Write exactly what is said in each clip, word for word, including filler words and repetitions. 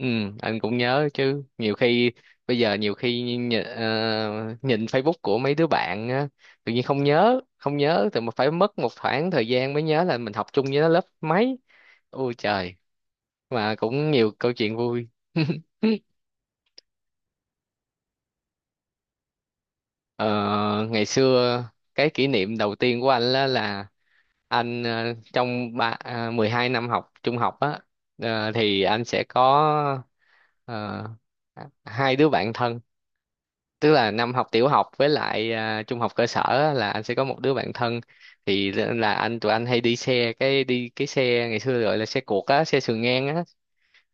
Ừ, anh cũng nhớ chứ. Nhiều khi bây giờ, nhiều khi nhìn, ờ, nhìn Facebook của mấy đứa bạn á, tự nhiên không nhớ không nhớ thì mà phải mất một khoảng thời gian mới nhớ là mình học chung với nó lớp mấy. Ôi trời, mà cũng nhiều câu chuyện vui. Ờ, ngày xưa cái kỷ niệm đầu tiên của anh là, là anh, ờ, trong ba à, mười hai năm học trung học á. Ờ, thì anh sẽ có, ờ, hai đứa bạn thân. Tức là năm học tiểu học với lại à, trung học cơ sở á, là anh sẽ có một đứa bạn thân. Thì là là anh Tụi anh hay đi xe cái đi cái xe ngày xưa gọi là xe cuộc á, xe sườn ngang á.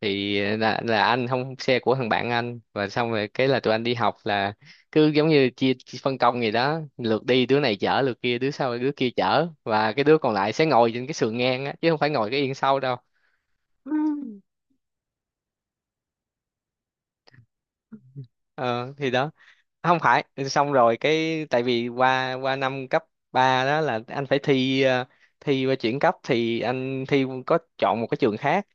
Thì là là anh không, xe của thằng bạn anh, và xong rồi cái là tụi anh đi học là cứ giống như chia, chia phân công gì đó, lượt đi đứa này chở, lượt kia đứa sau đứa kia chở, và cái đứa còn lại sẽ ngồi trên cái sườn ngang á chứ không phải ngồi cái yên sau đâu. Ừ. Ờ thì đó, không phải. Xong rồi cái tại vì qua qua năm cấp ba đó là anh phải thi, ờ, thi qua chuyển cấp, thì anh thi có chọn một cái trường khác.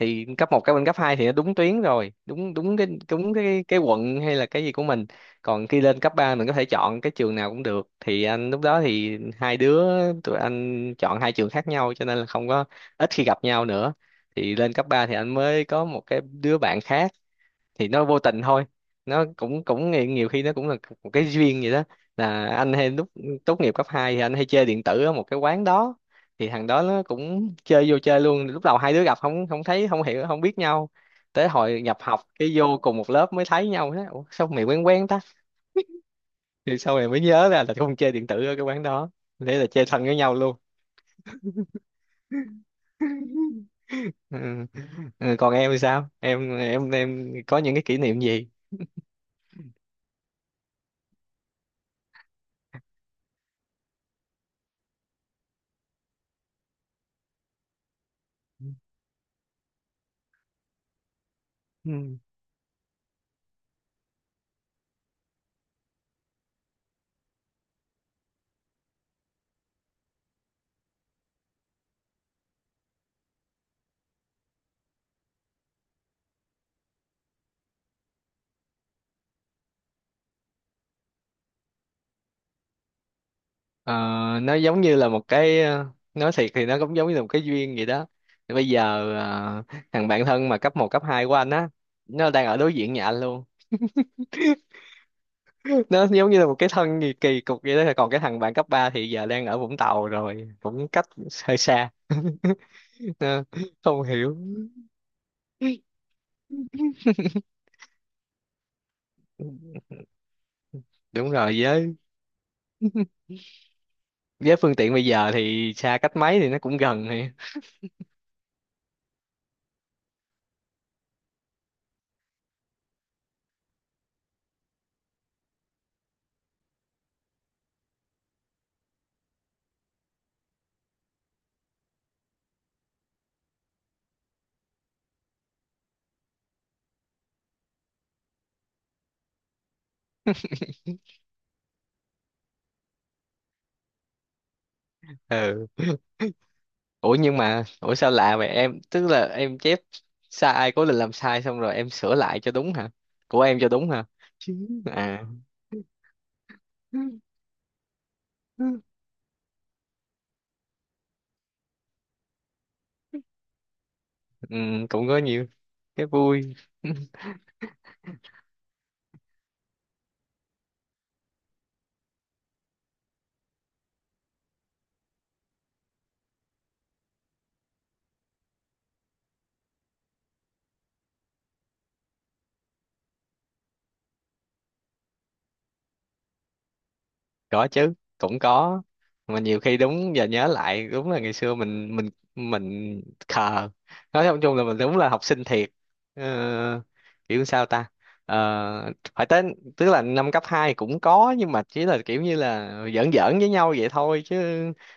Thì cấp một, cấp bên cấp hai thì nó đúng tuyến rồi, đúng đúng cái đúng cái cái quận hay là cái gì của mình. Còn khi lên cấp ba mình có thể chọn cái trường nào cũng được, thì anh lúc đó thì hai đứa tụi anh chọn hai trường khác nhau cho nên là không có, ít khi gặp nhau nữa. Thì lên cấp ba thì anh mới có một cái đứa bạn khác, thì nó vô tình thôi. Nó cũng cũng nghĩ- nhiều khi nó cũng là một cái duyên vậy đó. Là anh hay lúc tốt nghiệp cấp hai thì anh hay chơi điện tử ở một cái quán đó, thì thằng đó nó cũng chơi vô chơi luôn. Lúc đầu hai đứa gặp không không thấy, không hiểu không biết nhau. Tới hồi nhập học cái vô cùng một lớp mới thấy nhau, nói: "Ủa, sao mày quen quen ta?" Thì sau này mới nhớ ra là không, chơi điện tử ở cái quán đó. Thế là chơi thân với nhau luôn. Ừ. Ừ, còn em thì sao, em em em có những cái kỷ niệm gì. Ừ. Ờ, nó giống như là một cái, ờ, nói thiệt thì nó cũng giống như là một cái duyên vậy đó. Thì bây giờ, ờ, thằng bạn thân mà cấp một cấp hai của anh á, nó đang ở đối diện nhà anh luôn. Nó giống như là một cái thân kỳ kỳ cục vậy đó. Còn cái thằng bạn cấp ba thì giờ đang ở Vũng Tàu rồi, cũng cách hơi xa. Ờ, không hiểu. Đúng rồi, với với phương tiện bây giờ thì xa cách mấy thì nó cũng gần thì. Ừ, ủa nhưng mà ủa sao lạ vậy em, tức là em chép sai, cố định làm sai xong rồi em sửa lại cho đúng hả? Của em cho đúng hả? Chứ-, à, ừ, cũng có nhiều cái vui. Có chứ, cũng có, mà nhiều khi đúng giờ nhớ lại đúng là ngày xưa mình mình mình khờ, nói chung chung là mình đúng là học sinh thiệt. ờ, Kiểu sao ta. Ờ, phải tới, tức là năm cấp hai cũng có nhưng mà chỉ là kiểu như là giỡn giỡn với nhau vậy thôi chứ,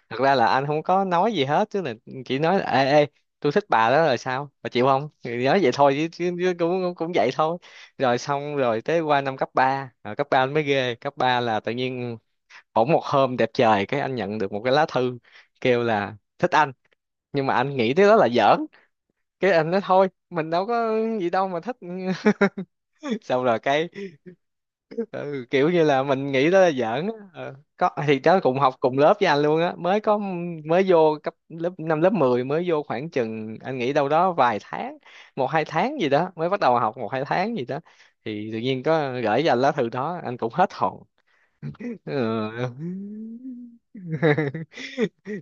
thật ra là anh không có nói gì hết chứ. Là chỉ nói là ê ê, tôi thích bà đó rồi sao bà chịu không. Thì nói vậy thôi, chứ, chứ, chứ cũng cũng vậy thôi. Rồi xong rồi tới, qua năm cấp ba, cấp ba anh mới ghê cấp ba là tự nhiên bỗng một hôm đẹp trời cái anh nhận được một cái lá thư kêu là thích anh. Nhưng mà anh nghĩ cái đó là giỡn, cái anh nói thôi mình đâu có gì đâu mà thích. Xong rồi cái, ừ, kiểu như là mình nghĩ đó là giỡn á. Ờ, có thì đó, cùng học cùng lớp với anh luôn á mới có. Mới vô cấp, lớp năm, lớp mười mới vô khoảng chừng, anh nghĩ đâu đó vài tháng, một hai tháng gì đó, mới bắt đầu học một hai tháng gì đó thì tự nhiên có gửi cho anh lá thư đó, anh cũng hết hồn. Ừ.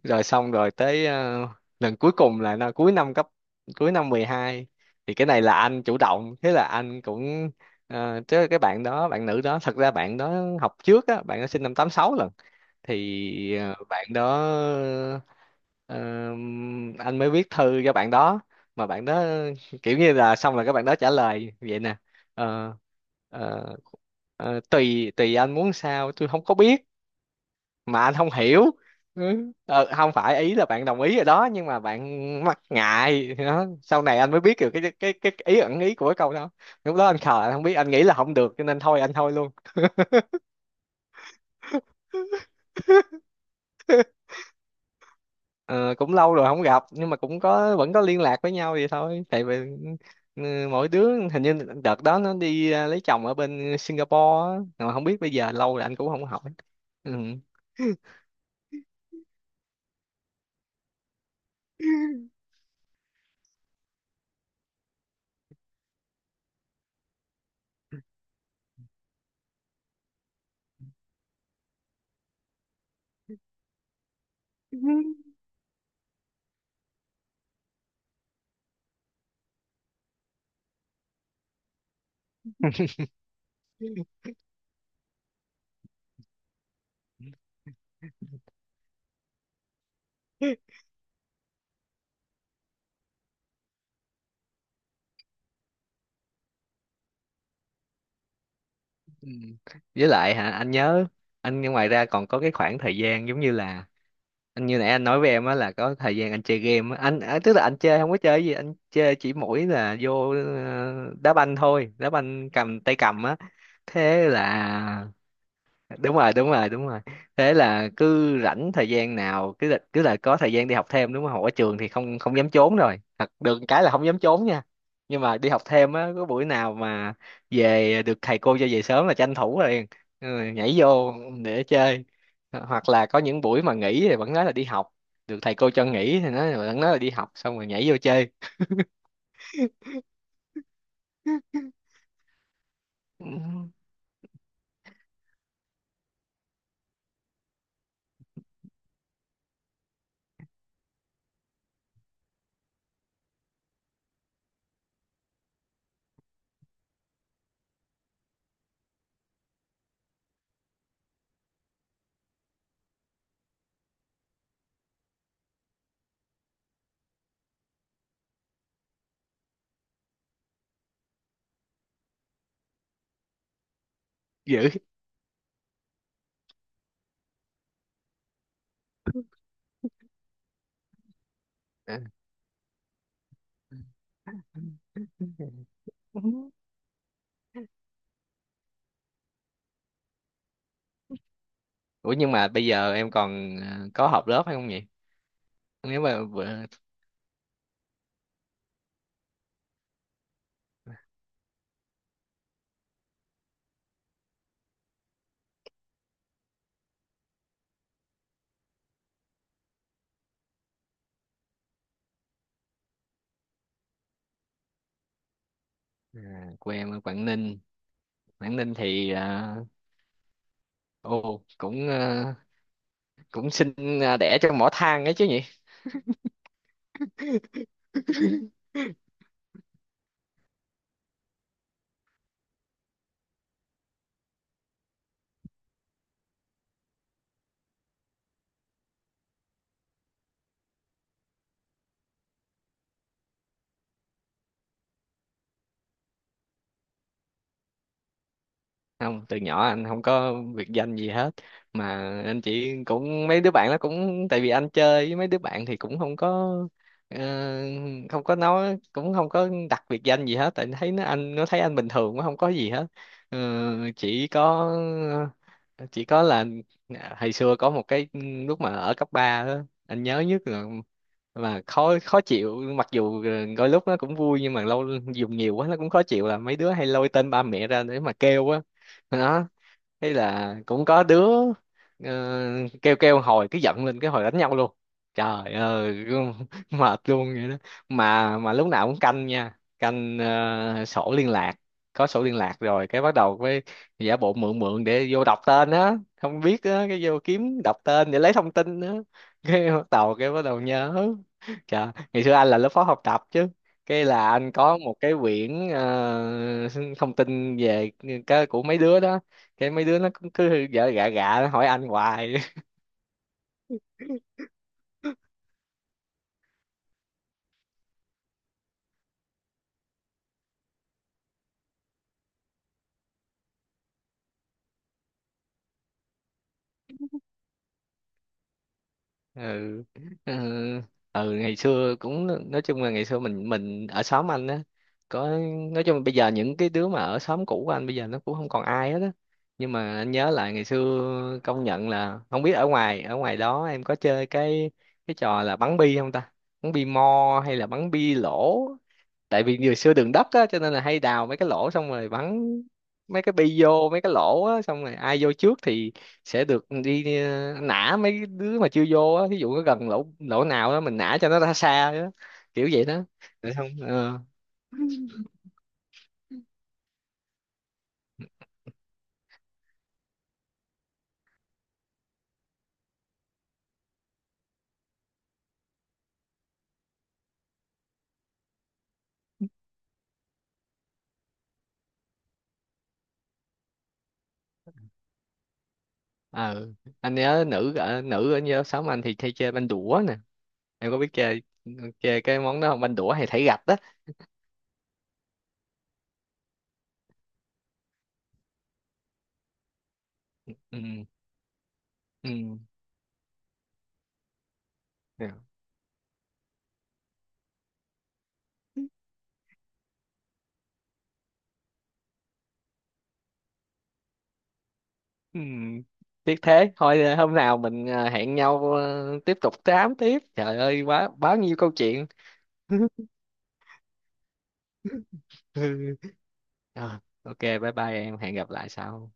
Rồi xong rồi tới, ờ, lần cuối cùng là nó cuối năm cấp, cuối năm mười hai thì cái này là anh chủ động. Thế là anh cũng, uh, chứ cái bạn đó, bạn nữ đó, thật ra bạn đó học trước á, bạn đó sinh năm tám sáu lần. Thì ờ, bạn đó, ờ, anh mới viết thư cho bạn đó, mà bạn đó kiểu như là, xong là các bạn đó trả lời vậy nè: "Ờ, ờ, ờ, tùy tùy anh muốn sao, tôi không có biết." Mà anh không hiểu. Ừ. Ờ, không phải, ý là bạn đồng ý rồi đó nhưng mà bạn mắc ngại đó. Sau này anh mới biết được cái cái cái ý, ẩn ý của cái câu đó. Lúc đó anh khờ, anh không biết, anh nghĩ là không được cho nên thôi anh thôi luôn. Ờ, cũng lâu rồi không gặp nhưng mà cũng có, vẫn có liên lạc với nhau vậy thôi. Tại vì ừ, mỗi đứa hình như đợt đó nó đi, à, lấy chồng ở bên Singapore á. Mà không biết bây giờ, lâu rồi anh cũng không hỏi. Ừ. Ừ. Với lại hả, anh nhớ anh ngoài ra còn có cái khoảng thời gian giống như là anh như nãy anh nói với em á, là có thời gian anh chơi game á. Anh, à, tức là anh chơi, không có chơi gì, anh chơi chỉ mỗi là vô, ờ, đá banh thôi, đá banh cầm tay cầm á. Thế là đúng rồi đúng rồi đúng rồi. Thế là cứ rảnh thời gian nào, cứ là, cứ là có thời gian đi học thêm, đúng không, học ở trường thì không không dám trốn rồi, thật được cái là không dám trốn nha. Nhưng mà đi học thêm á, có buổi nào mà về được, thầy cô cho về sớm là tranh thủ liền. Ừ, nhảy vô để chơi. Ờ, hoặc là có những buổi mà nghỉ thì vẫn nói là đi học, được thầy cô cho nghỉ thì nói vẫn nói là đi học xong rồi nhảy vô chơi. Ừ, dữ. Ờ. Ủa nhưng mà bây giờ em còn, ờ, có học lớp hay không nhỉ? Nếu mà bữa, à, quê em ở Quảng Ninh. Quảng Ninh thì à, ô, cũng à, cũng sinh, à, đẻ trong mỏ than ấy chứ nhỉ. Không, từ nhỏ anh không có biệt danh gì hết. Mà anh chỉ, cũng mấy đứa bạn nó cũng, tại vì anh chơi với mấy đứa bạn thì cũng không có, ờ, không có nói, cũng không có đặt biệt danh gì hết, tại thấy nó, anh nó thấy anh bình thường quá không có gì hết. Ờ, chỉ có, chỉ có là à, hồi xưa có một cái lúc mà ở cấp ba đó, anh nhớ nhất là, mà khó khó chịu mặc dù ờ, đôi lúc nó cũng vui nhưng mà lâu dùng nhiều quá nó cũng khó chịu, là mấy đứa hay lôi tên ba mẹ ra để mà kêu á. Đó, hay là cũng có đứa, ờ, kêu kêu hồi cứ giận lên cái hồi đánh nhau luôn. Trời ơi. Mệt luôn vậy đó. mà mà lúc nào cũng canh nha, canh ờ, sổ liên lạc. Có sổ liên lạc rồi cái bắt đầu với giả bộ mượn mượn để vô đọc tên á, không biết á, cái vô kiếm đọc tên để lấy thông tin á. Cái bắt đầu, cái bắt đầu nhớ. Trời, ngày xưa anh là lớp phó học tập chứ, cái là anh có một cái quyển, ờ, thông tin về cái của mấy đứa đó. Cái mấy đứa nó cũng cứ vợ gạ gạ nó hỏi anh hoài. Ừ. Ừ. Ừ, ngày xưa cũng, nói chung là ngày xưa mình mình ở xóm anh á, có, nói chung là bây giờ những cái đứa mà ở xóm cũ của anh bây giờ nó cũng không còn ai hết á. Nhưng mà anh nhớ lại ngày xưa công nhận là, không biết ở ngoài ở ngoài đó em có chơi cái cái trò là bắn bi không ta? Bắn bi mo hay là bắn bi lỗ, tại vì ngày xưa đường đất á cho nên là hay đào mấy cái lỗ xong rồi bắn mấy cái bi vô mấy cái lỗ á, xong rồi ai vô trước thì sẽ được đi, ờ, nã mấy đứa mà chưa vô á, ví dụ nó gần lỗ lỗ nào đó mình nã cho nó ra xa đó. Kiểu vậy đó. Được không ờ. Ờ, anh nhớ nữ ở nữ ở như lớp sáu anh thì hay chơi banh đũa nè, em có biết chơi chơi cái món đó không, banh đũa hay thảy gạch đó. Ừ. Ừ. Yeah. Ừ, tiếc thế thôi, ờ, hôm nào mình, ờ, hẹn nhau, ờ, tiếp tục tám tiếp, trời ơi, quá bao nhiêu câu chuyện. Ừ. Rồi, ok bye bye em, hẹn gặp lại sau.